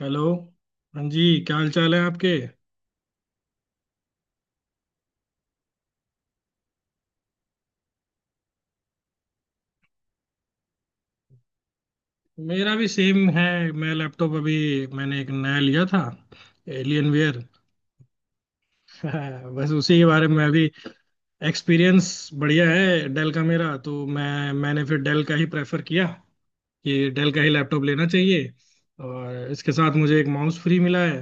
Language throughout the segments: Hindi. हेलो। हाँ जी। क्या हाल चाल है आपके? मेरा भी सेम है। मैं लैपटॉप अभी, मैंने एक नया लिया था, एलियन वेयर बस उसी के बारे में अभी एक्सपीरियंस। बढ़िया है डेल का, मेरा तो, मैंने फिर डेल का ही प्रेफर किया कि डेल का ही लैपटॉप लेना चाहिए। और इसके साथ मुझे एक माउस फ्री मिला है।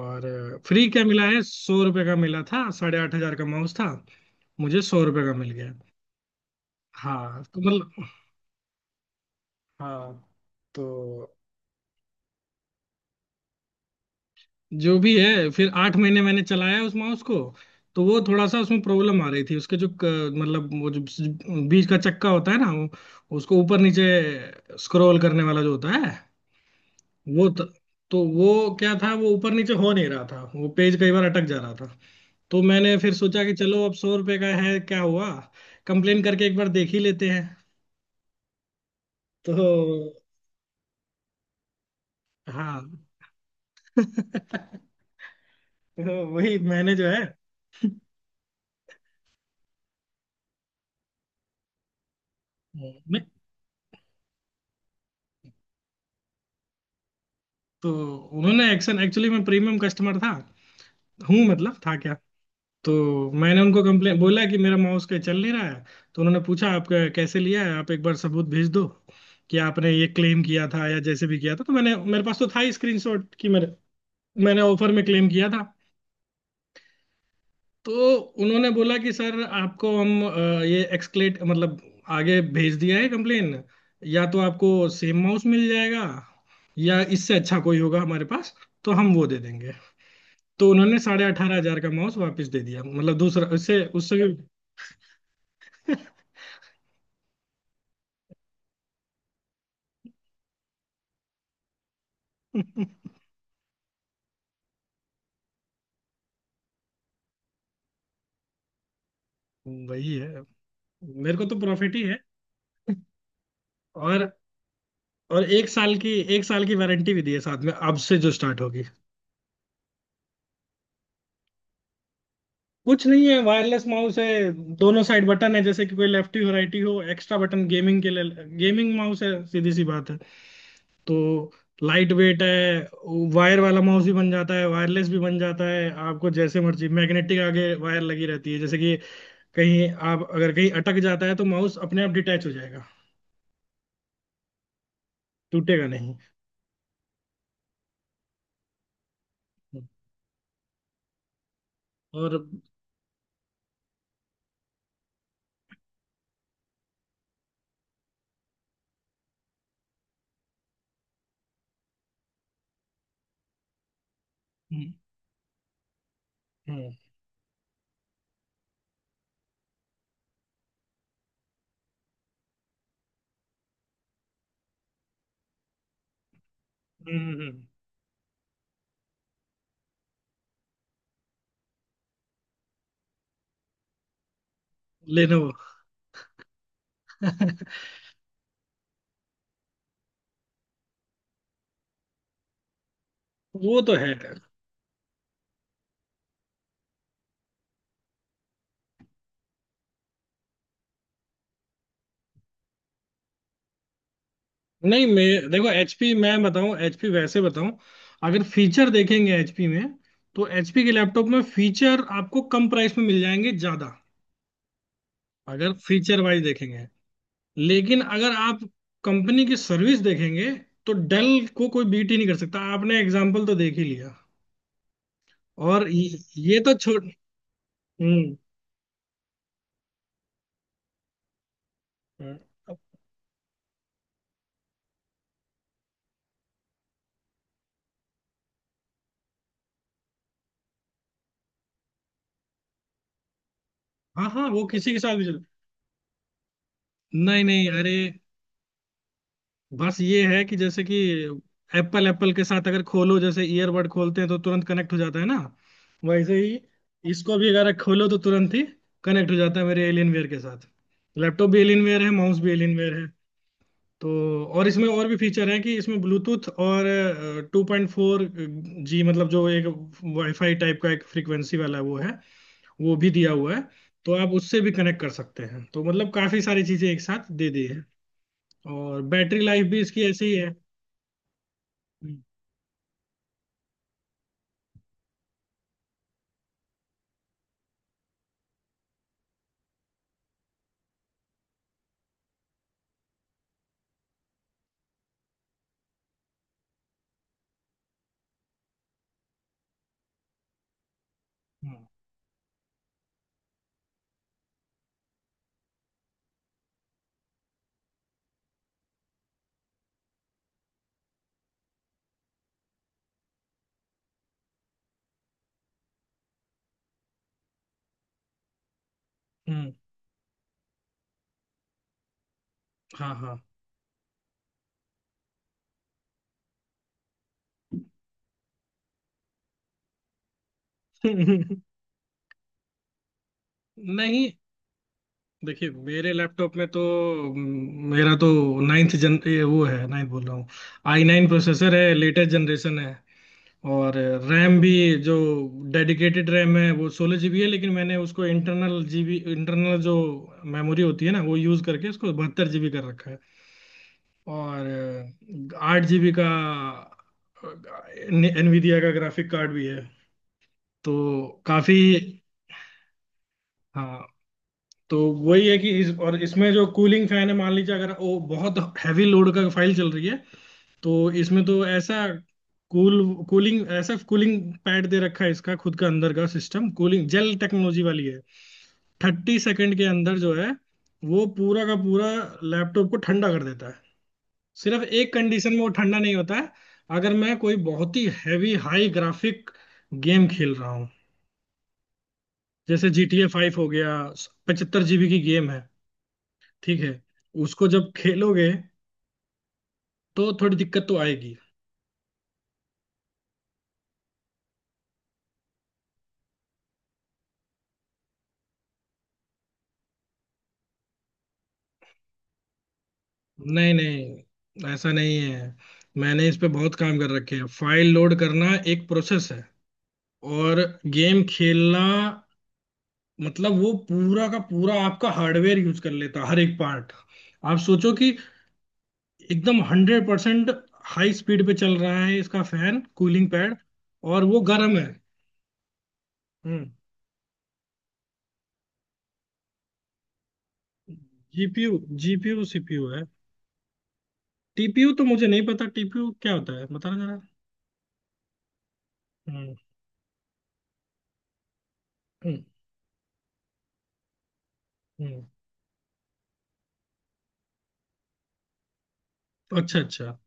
और फ्री क्या मिला है, 100 रुपये का मिला था, 8,500 का माउस था, मुझे 100 रुपये का मिल गया। हाँ तो मतलब, हाँ तो जो भी है, फिर 8 महीने मैंने चलाया उस माउस को। तो वो थोड़ा सा, उसमें प्रॉब्लम आ रही थी, उसके जो बीच का चक्का होता है ना वो, उसको ऊपर नीचे स्क्रॉल करने वाला जो होता है वो तो वो क्या था, वो ऊपर नीचे हो नहीं रहा था, वो पेज कई बार अटक जा रहा था। तो मैंने फिर सोचा कि चलो, अब 100 रुपये का है क्या हुआ, कंप्लेन करके एक बार देख ही लेते हैं। तो हाँ तो वही मैंने जो है, मैं- तो उन्होंने एक्शन, एक्चुअली मैं प्रीमियम कस्टमर था। हूँ, मतलब था क्या। तो मैंने उनको कंप्लेन बोला कि मेरा माउस का चल नहीं रहा है। तो उन्होंने पूछा आप कैसे लिया है, आप एक बार सबूत भेज दो कि आपने ये क्लेम किया था, या जैसे भी किया था। तो मैंने, मेरे पास तो था ही स्क्रीनशॉट कि मेरे, मैंने ऑफर में क्लेम किया था। तो उन्होंने बोला कि सर आपको हम ये एक्सक्लेट, मतलब आगे भेज दिया है कंप्लेन, या तो आपको सेम माउस मिल जाएगा या इससे अच्छा कोई होगा हमारे पास तो हम वो दे देंगे। तो उन्होंने 18,500 का माउस वापस दे दिया, मतलब दूसरा, उससे उससे भी वही है, मेरे को तो प्रॉफिट ही है। और और एक साल की वारंटी भी दी है साथ में, अब से जो स्टार्ट होगी। कुछ नहीं है, वायरलेस माउस है, दोनों साइड बटन है जैसे कि कोई लेफ्टी हो राइटी हो, एक्स्ट्रा बटन गेमिंग के लिए, गेमिंग माउस है, सीधी सी बात है। तो लाइट वेट है, वायर वाला माउस भी बन जाता है, वायरलेस भी बन जाता है, आपको जैसे मर्जी। मैग्नेटिक आगे वायर लगी रहती है, जैसे कि कहीं, आप अगर कहीं अटक जाता है तो माउस अपने आप डिटैच हो जाएगा, टूटेगा नहीं। और हम्म हम्म हम्म लेनोवो वो तो है। नहीं मैं देखो, एचपी मैं बताऊं, एचपी वैसे बताऊं, अगर फीचर देखेंगे एचपी में तो एचपी के लैपटॉप में फीचर आपको कम प्राइस में मिल जाएंगे ज्यादा, अगर फीचर वाइज देखेंगे। लेकिन अगर आप कंपनी की सर्विस देखेंगे तो डेल को कोई बीट ही नहीं कर सकता, आपने एग्जाम्पल तो देख ही लिया। और ये तो छोड़। हम्म। अब- हाँ हाँ वो किसी के साथ भी चल, नहीं नहीं अरे, बस ये है कि जैसे कि एप्पल एप्पल के साथ अगर खोलो जैसे ईयरबड खोलते हैं तो तुरंत कनेक्ट हो जाता है ना, वैसे ही इसको भी अगर खोलो तो तुरंत ही कनेक्ट हो जाता है मेरे एलियनवेयर के साथ। लैपटॉप भी एलियनवेयर है, माउस भी एलियनवेयर है। तो और इसमें और भी फीचर है कि इसमें ब्लूटूथ और 2.4G, मतलब जो एक वाईफाई टाइप का एक फ्रीक्वेंसी वाला वो है, वो भी दिया हुआ है। तो आप उससे भी कनेक्ट कर सकते हैं, तो मतलब काफी सारी चीजें एक साथ दे दी है। और बैटरी लाइफ भी इसकी ऐसी ही है। हम्म। हाँ। हम्म, हाँ हाँ नहीं देखिए, मेरे लैपटॉप में तो, मेरा तो नाइन्थ जन ये वो है, नाइन्थ बोल रहा हूँ, i9 प्रोसेसर है, लेटेस्ट जनरेशन है। और रैम भी, जो डेडिकेटेड रैम है वो 16 GB है, लेकिन मैंने उसको इंटरनल जीबी, इंटरनल जो मेमोरी होती है ना वो यूज करके उसको 72 GB कर रखा है। और 8 GB का एनवीडिया का ग्राफिक कार्ड भी है। तो काफी। हाँ तो वही है कि इस, और इसमें जो कूलिंग फैन है, मान लीजिए अगर वो बहुत हैवी लोड का फाइल चल रही है, तो इसमें तो ऐसा कूल कूलिंग, ऐसा कूलिंग पैड दे रखा है, इसका खुद का अंदर का सिस्टम, कूलिंग जेल टेक्नोलॉजी वाली है। 30 सेकंड के अंदर जो है वो पूरा का पूरा लैपटॉप को ठंडा कर देता है। सिर्फ एक कंडीशन में वो ठंडा नहीं होता है, अगर मैं कोई बहुत ही हैवी हाई ग्राफिक गेम खेल रहा हूँ, जैसे GTA 5 हो गया, 75 GB की गेम है, ठीक है। उसको जब खेलोगे तो थोड़ी दिक्कत तो आएगी। नहीं नहीं, ऐसा नहीं है, मैंने इस पे बहुत काम कर रखे हैं। फाइल लोड करना एक प्रोसेस है, और गेम खेलना मतलब वो पूरा का पूरा आपका हार्डवेयर यूज कर लेता है, हर एक पार्ट। आप सोचो कि एकदम 100% हाई स्पीड पे चल रहा है इसका फैन, कूलिंग पैड, और वो गर्म है। हम्म। जीपीयू, जीपीयू सीपीयू है, टीपीयू तो मुझे नहीं पता टीपीयू क्या होता है, बताना जरा। हम्म। हम्म हम्म अच्छा अच्छा।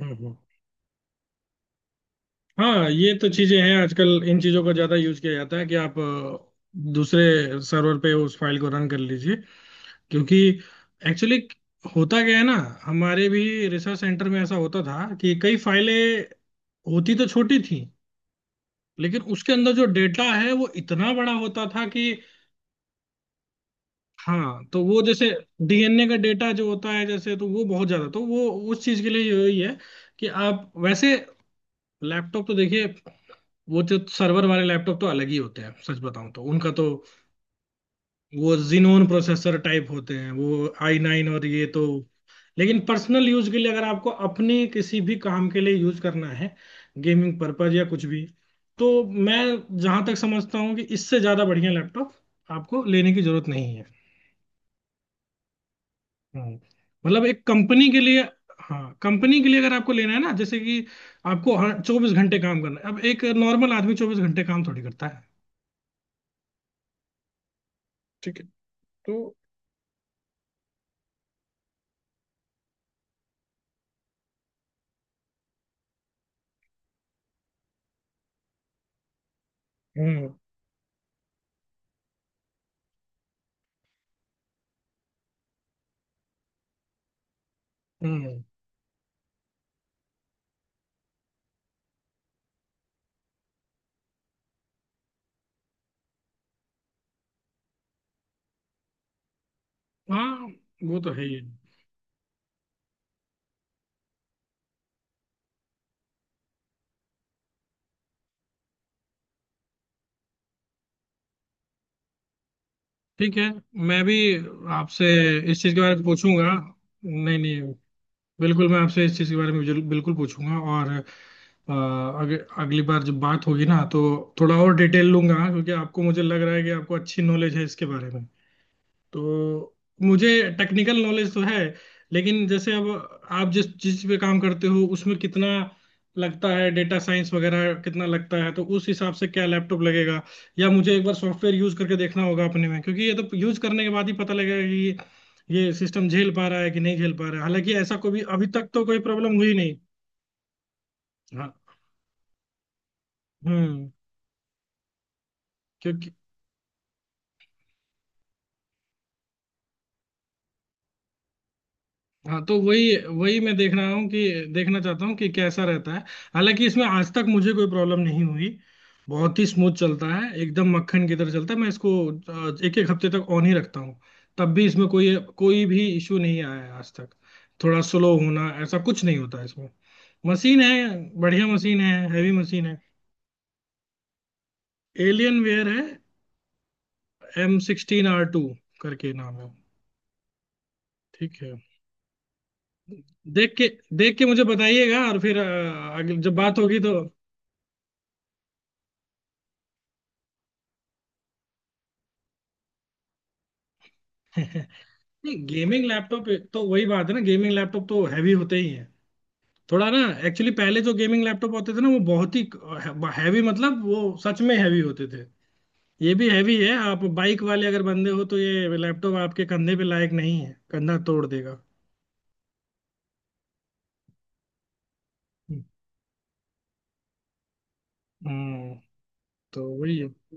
हम्म, हम्म। हाँ ये तो चीजें हैं, आजकल इन चीजों का ज्यादा यूज किया जाता है कि आप दूसरे सर्वर पे उस फाइल को रन कर लीजिए, क्योंकि एक्चुअली होता क्या है ना, हमारे भी रिसर्च सेंटर में ऐसा होता था कि कई फाइलें होती तो छोटी थी, लेकिन उसके अंदर जो डेटा है वो इतना बड़ा होता था कि, हाँ तो वो जैसे डीएनए का डेटा जो होता है जैसे, तो वो बहुत ज्यादा, तो वो उस चीज के लिए यही है कि आप वैसे लैपटॉप तो देखिए, वो जो सर्वर वाले लैपटॉप तो अलग ही होते हैं, सच बताऊं तो उनका तो वो जिनोन प्रोसेसर टाइप होते हैं, वो i9, और ये तो। लेकिन पर्सनल यूज के लिए अगर आपको अपने किसी भी काम के लिए यूज करना है, गेमिंग पर्पज या कुछ भी, तो मैं जहां तक समझता हूँ कि इससे ज्यादा बढ़िया लैपटॉप आपको लेने की जरूरत नहीं है। हम्म। मतलब एक कंपनी के लिए, हाँ कंपनी के लिए अगर आपको लेना है ना, जैसे कि आपको हर 24 घंटे काम करना है, अब एक नॉर्मल आदमी 24 घंटे काम थोड़ी करता है। ठीक है, तो। हम्म हम्म। हाँ वो तो है ही है। ठीक है, मैं भी आपसे इस चीज के बारे में पूछूंगा। नहीं नहीं, बिल्कुल मैं आपसे इस चीज के बारे में बिल्कुल पूछूंगा, और अ, अग, अगली बार जब बात होगी ना तो थोड़ा और डिटेल लूंगा, क्योंकि आपको, मुझे लग रहा है कि आपको अच्छी नॉलेज है इसके बारे में। तो मुझे टेक्निकल नॉलेज तो है, लेकिन जैसे अब आप जिस चीज पे काम करते हो उसमें कितना लगता है, डेटा साइंस वगैरह कितना लगता है, तो उस हिसाब से क्या लैपटॉप लगेगा, या मुझे एक बार सॉफ्टवेयर यूज करके देखना होगा अपने में, क्योंकि ये तो यूज करने के बाद ही पता लगेगा कि ये सिस्टम झेल पा रहा है कि नहीं झेल पा रहा है। हालांकि ऐसा कोई भी अभी तक तो कोई प्रॉब्लम हुई नहीं। हाँ। हम्म। क्योंकि, हाँ तो वही वही मैं देख रहा हूँ कि देखना चाहता हूँ कि कैसा रहता है। हालांकि इसमें आज तक मुझे कोई प्रॉब्लम नहीं हुई, बहुत ही स्मूथ चलता है, एकदम मक्खन की तरह चलता है। मैं इसको एक एक हफ्ते तक ऑन ही रखता हूँ, तब भी इसमें कोई कोई भी इशू नहीं आया है आज तक। थोड़ा स्लो होना ऐसा कुछ नहीं होता इसमें, मशीन है बढ़िया मशीन है, हैवी मशीन है। एलियन वेयर है, M16 R2 करके नाम है। ठीक है, देख के देख के मुझे बताइएगा और फिर आगे जब बात होगी तो। नहीं गेमिंग लैपटॉप, तो वही बात है ना, गेमिंग लैपटॉप तो हैवी होते ही हैं थोड़ा ना। एक्चुअली पहले जो गेमिंग लैपटॉप होते थे ना वो बहुत ही हैवी, मतलब वो सच में हैवी होते थे। ये भी हैवी है, आप बाइक वाले अगर बंदे हो तो ये लैपटॉप आपके कंधे पे लायक नहीं है, कंधा तोड़ देगा। हम्म। तो वही है।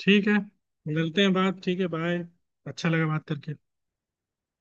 ठीक है, मिलते हैं बात, ठीक है, बाय। अच्छा लगा बात करके।